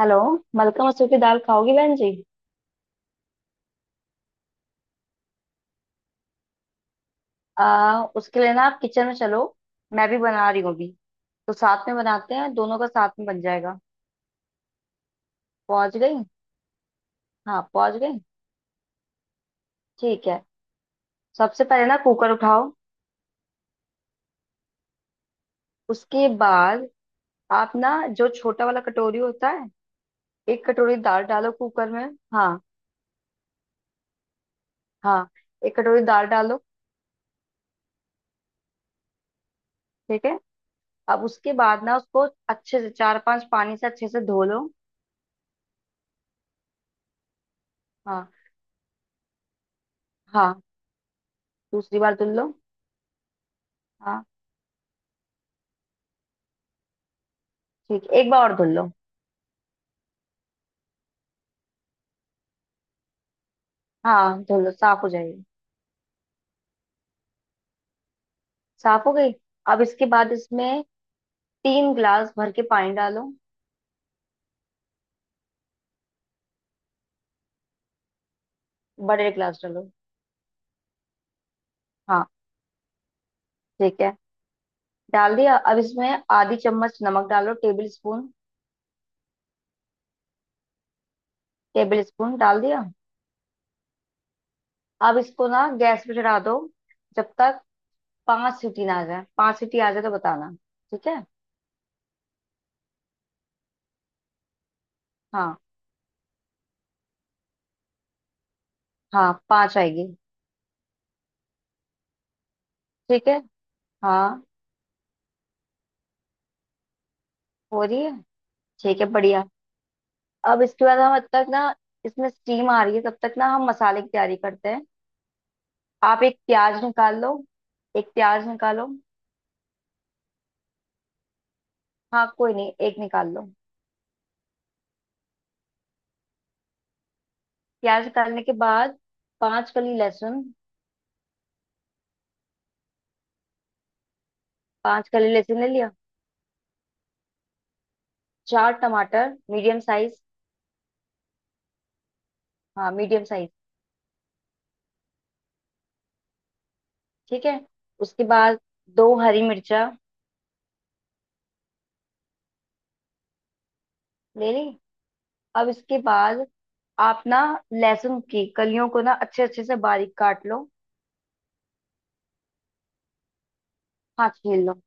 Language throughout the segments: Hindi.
हेलो। मलका मसूर की दाल खाओगी बहन जी? उसके लिए ना आप किचन में चलो। मैं भी बना रही हूँ अभी, तो साथ में बनाते हैं, दोनों का साथ में बन जाएगा। पहुंच गई? हाँ, पहुंच गई। ठीक है। सबसे पहले ना कुकर उठाओ। उसके बाद आप ना जो छोटा वाला कटोरी होता है, 1 कटोरी दाल डालो कुकर में। हाँ, हाँ। 1 कटोरी दाल डालो। ठीक है। अब उसके बाद ना उसको अच्छे से चार पांच पानी से अच्छे से धो लो। हाँ, हाँ। दूसरी बार धुल लो। हाँ। ठीक, एक बार और धुल लो। हाँ, धुल लो, साफ हो जाएगी। साफ हो गई। अब इसके बाद इसमें 3 गिलास भर के पानी डालो। बड़े गिलास डालो। हाँ, ठीक है, डाल दिया। अब इसमें आधी चम्मच नमक डालो, टेबल स्पून। टेबल स्पून डाल दिया। अब इसको ना गैस पे चढ़ा दो। जब तक पांच सीटी ना आ जाए, पांच सीटी आ जाए तो बताना। ठीक है। हाँ, हाँ, पांच आएगी। ठीक है। हाँ, हो रही है। ठीक है, बढ़िया। अब इसके बाद हम अब तक ना, इसमें स्टीम आ रही है तब तक ना हम मसाले की तैयारी करते हैं। आप एक प्याज निकाल लो। एक प्याज निकालो। हाँ, कोई नहीं, एक निकाल लो। प्याज निकालने के बाद पांच कली लहसुन। पांच कली लहसुन ले लिया। चार टमाटर, मीडियम साइज। हाँ, मीडियम साइज। ठीक है। उसके बाद दो हरी मिर्चा। ले ली। अब इसके बाद आप ना लहसुन की कलियों को ना अच्छे अच्छे से बारीक काट लो। हाँ, छील लो।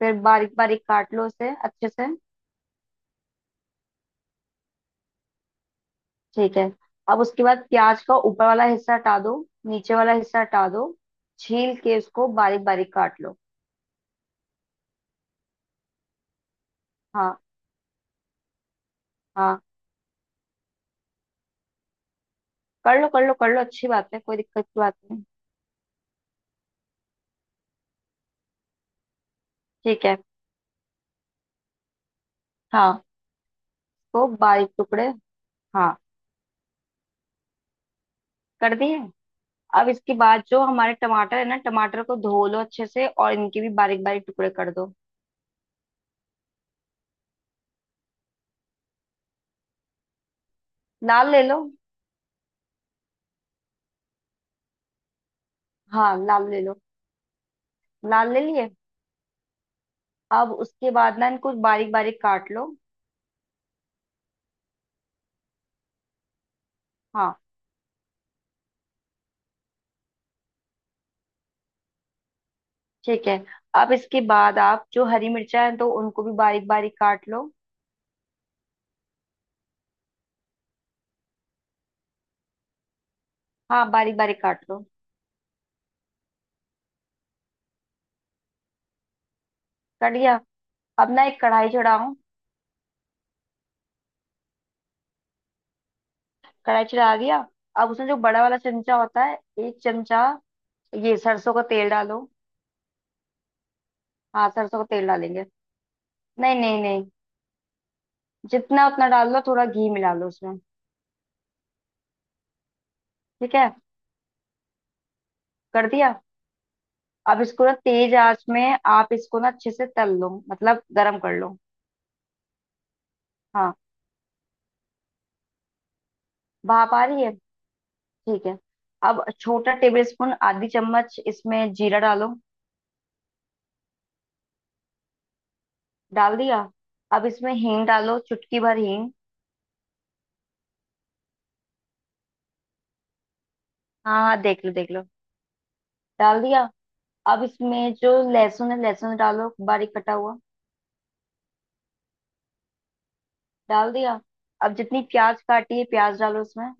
फिर बारीक बारीक काट लो इसे अच्छे से। ठीक है। अब उसके बाद प्याज का ऊपर वाला हिस्सा हटा दो, नीचे वाला हिस्सा हटा दो, छील के उसको बारीक बारीक काट लो। हाँ, हाँ, कर लो, कर लो, कर लो, अच्छी बात है, कोई दिक्कत की बात नहीं। ठीक है। हाँ, उसको बारीक टुकड़े, हाँ, कर दिए। अब इसके बाद जो हमारे टमाटर है ना, टमाटर को धो लो अच्छे से, और इनके भी बारीक बारीक टुकड़े कर दो। लाल ले लो। हाँ, लाल ले लो। लाल ले लिए। अब उसके बाद ना इनको बारीक बारीक काट लो। हाँ। ठीक है। अब इसके बाद आप जो हरी मिर्चा है तो उनको भी बारीक बारीक काट लो। हाँ, बारीक बारीक काट लो। काट लिया। अब ना एक कढ़ाई चढ़ाओ। कढ़ाई चढ़ा दिया। अब उसमें जो बड़ा वाला चमचा होता है, 1 चमचा ये सरसों का तेल डालो। हाँ, सरसों का तेल डालेंगे। नहीं, नहीं, नहीं, जितना उतना डाल लो, थोड़ा घी मिला लो उसमें। ठीक है। कर दिया। अब इसको ना तेज आंच में आप इसको ना अच्छे से तल लो, मतलब गरम कर लो। हाँ, भाप आ रही है। ठीक है। अब छोटा टेबल स्पून, आधी चम्मच इसमें जीरा डालो। डाल दिया। अब इसमें हींग डालो, चुटकी भर हींग। हाँ, हाँ, देख लो, देख लो। डाल दिया। अब इसमें जो लहसुन है लहसुन डालो, बारीक कटा हुआ। डाल दिया। अब जितनी प्याज काटी है प्याज डालो इसमें।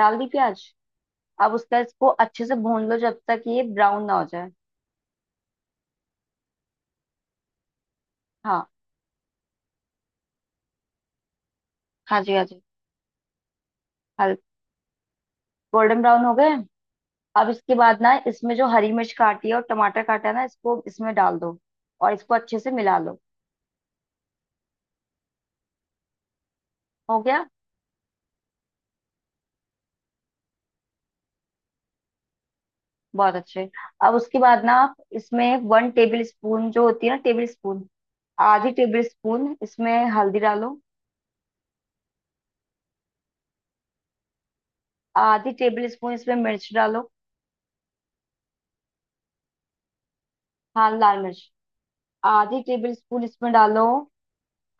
डाल दी प्याज। अब उसका इसको अच्छे से भून लो जब तक ये ब्राउन ना हो जाए। हाँ हाँ जी, हाँ जी। हल गोल्डन ब्राउन हो गए। अब इसके बाद ना इसमें जो हरी मिर्च काटी है और टमाटर काटा है ना, इसको इसमें डाल दो, और इसको अच्छे से मिला लो। हो गया, बहुत अच्छे। अब उसके बाद ना आप इसमें 1 टेबल स्पून जो होती है ना टेबल स्पून, आधी टेबल स्पून इसमें हल्दी डालो। आधी टेबल स्पून इसमें मिर्च डालो। हाँ, लाल मिर्च। आधी टेबल स्पून इसमें डालो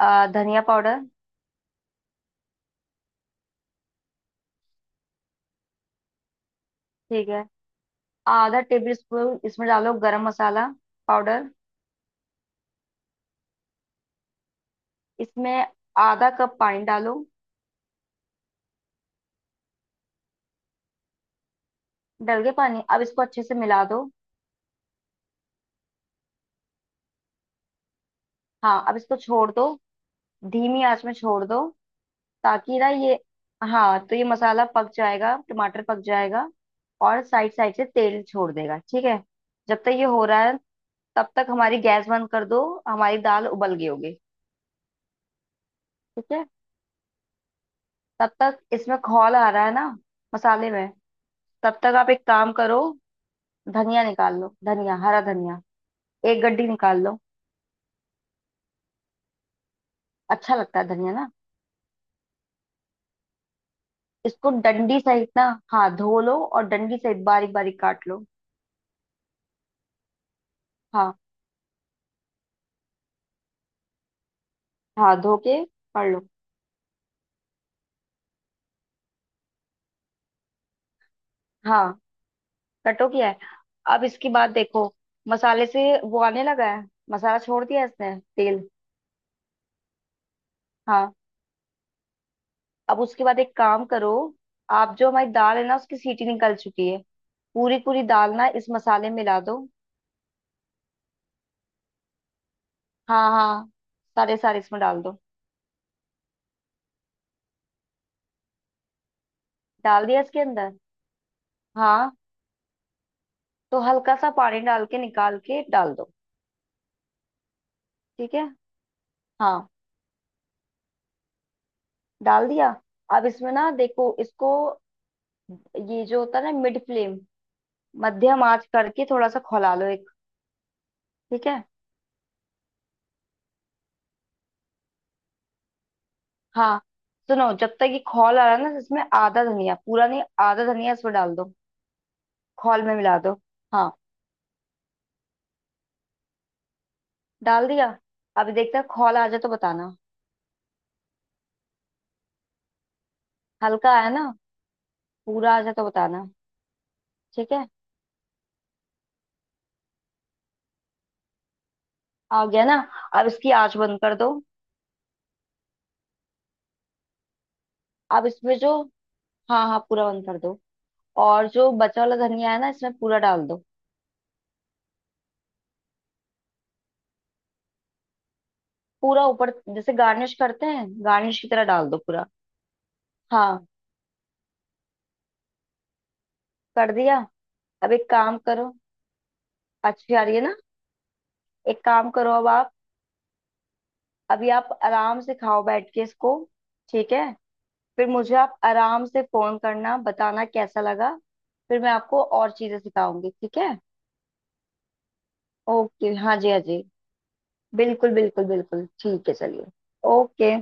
धनिया पाउडर। ठीक है। आधा टेबल स्पून इसमें डालो गरम मसाला पाउडर। इसमें आधा कप पानी डालो। डल गया पानी। अब इसको अच्छे से मिला दो। हाँ। अब इसको छोड़ दो, धीमी आंच में छोड़ दो, ताकि ना ये, हाँ, तो ये मसाला पक जाएगा, टमाटर पक जाएगा, और साइड साइड से तेल छोड़ देगा। ठीक है। जब तक ये हो रहा है तब तक हमारी गैस बंद कर दो, हमारी दाल उबल गई होगी। ठीक है। तब तक इसमें खौल आ रहा है ना, मसाले में। तब तक आप एक काम करो, धनिया निकाल लो, धनिया, हरा धनिया, एक गड्डी निकाल लो। अच्छा लगता है धनिया ना। इसको डंडी सहित ना, हाँ, धो लो और डंडी सहित बारीक बारीक काट लो। हाँ, हाँ, धो के पढ़ लो। हाँ, कटो किया है। अब इसके बाद देखो, मसाले से वो आने लगा है, मसाला छोड़ दिया इसने तेल। हाँ। अब उसके बाद एक काम करो, आप जो हमारी दाल है ना उसकी सीटी निकल चुकी है, पूरी पूरी दाल ना इस मसाले में मिला दो। हाँ, हाँ, सारे सारे इसमें डाल दो। डाल दिया इसके अंदर। हाँ, तो हल्का सा पानी डाल के निकाल के डाल दो। ठीक है। हाँ, डाल दिया। अब इसमें ना देखो इसको, ये जो होता है ना मिड फ्लेम, मध्यम आंच करके थोड़ा सा खौला लो एक। ठीक है। हाँ, सुनो, जब तक ये खौल आ रहा है ना, इसमें आधा धनिया, पूरा नहीं, आधा धनिया इसमें डाल दो, खौल में मिला दो। हाँ। डाल दिया। अभी देखते हैं, खौल आ जाए तो बताना। हल्का आया ना, पूरा आ जाए तो बताना। ठीक है। आ गया ना। अब इसकी आंच बंद कर दो, अब इसमें जो, हाँ, हाँ, पूरा बंद कर दो और जो बचा वाला धनिया है ना इसमें पूरा डाल दो, पूरा ऊपर, जैसे गार्निश करते हैं, गार्निश की तरह डाल दो पूरा। हाँ, कर दिया। अब एक काम करो, अच्छी आ रही है ना, एक काम करो अब आप, अभी आप आराम से खाओ बैठ के इसको। ठीक है। फिर मुझे आप आराम से फोन करना, बताना कैसा लगा। फिर मैं आपको और चीजें सिखाऊंगी, ठीक है? ओके, हाँ जी, हाँ जी, बिल्कुल बिल्कुल बिल्कुल, ठीक है, चलिए। ओके।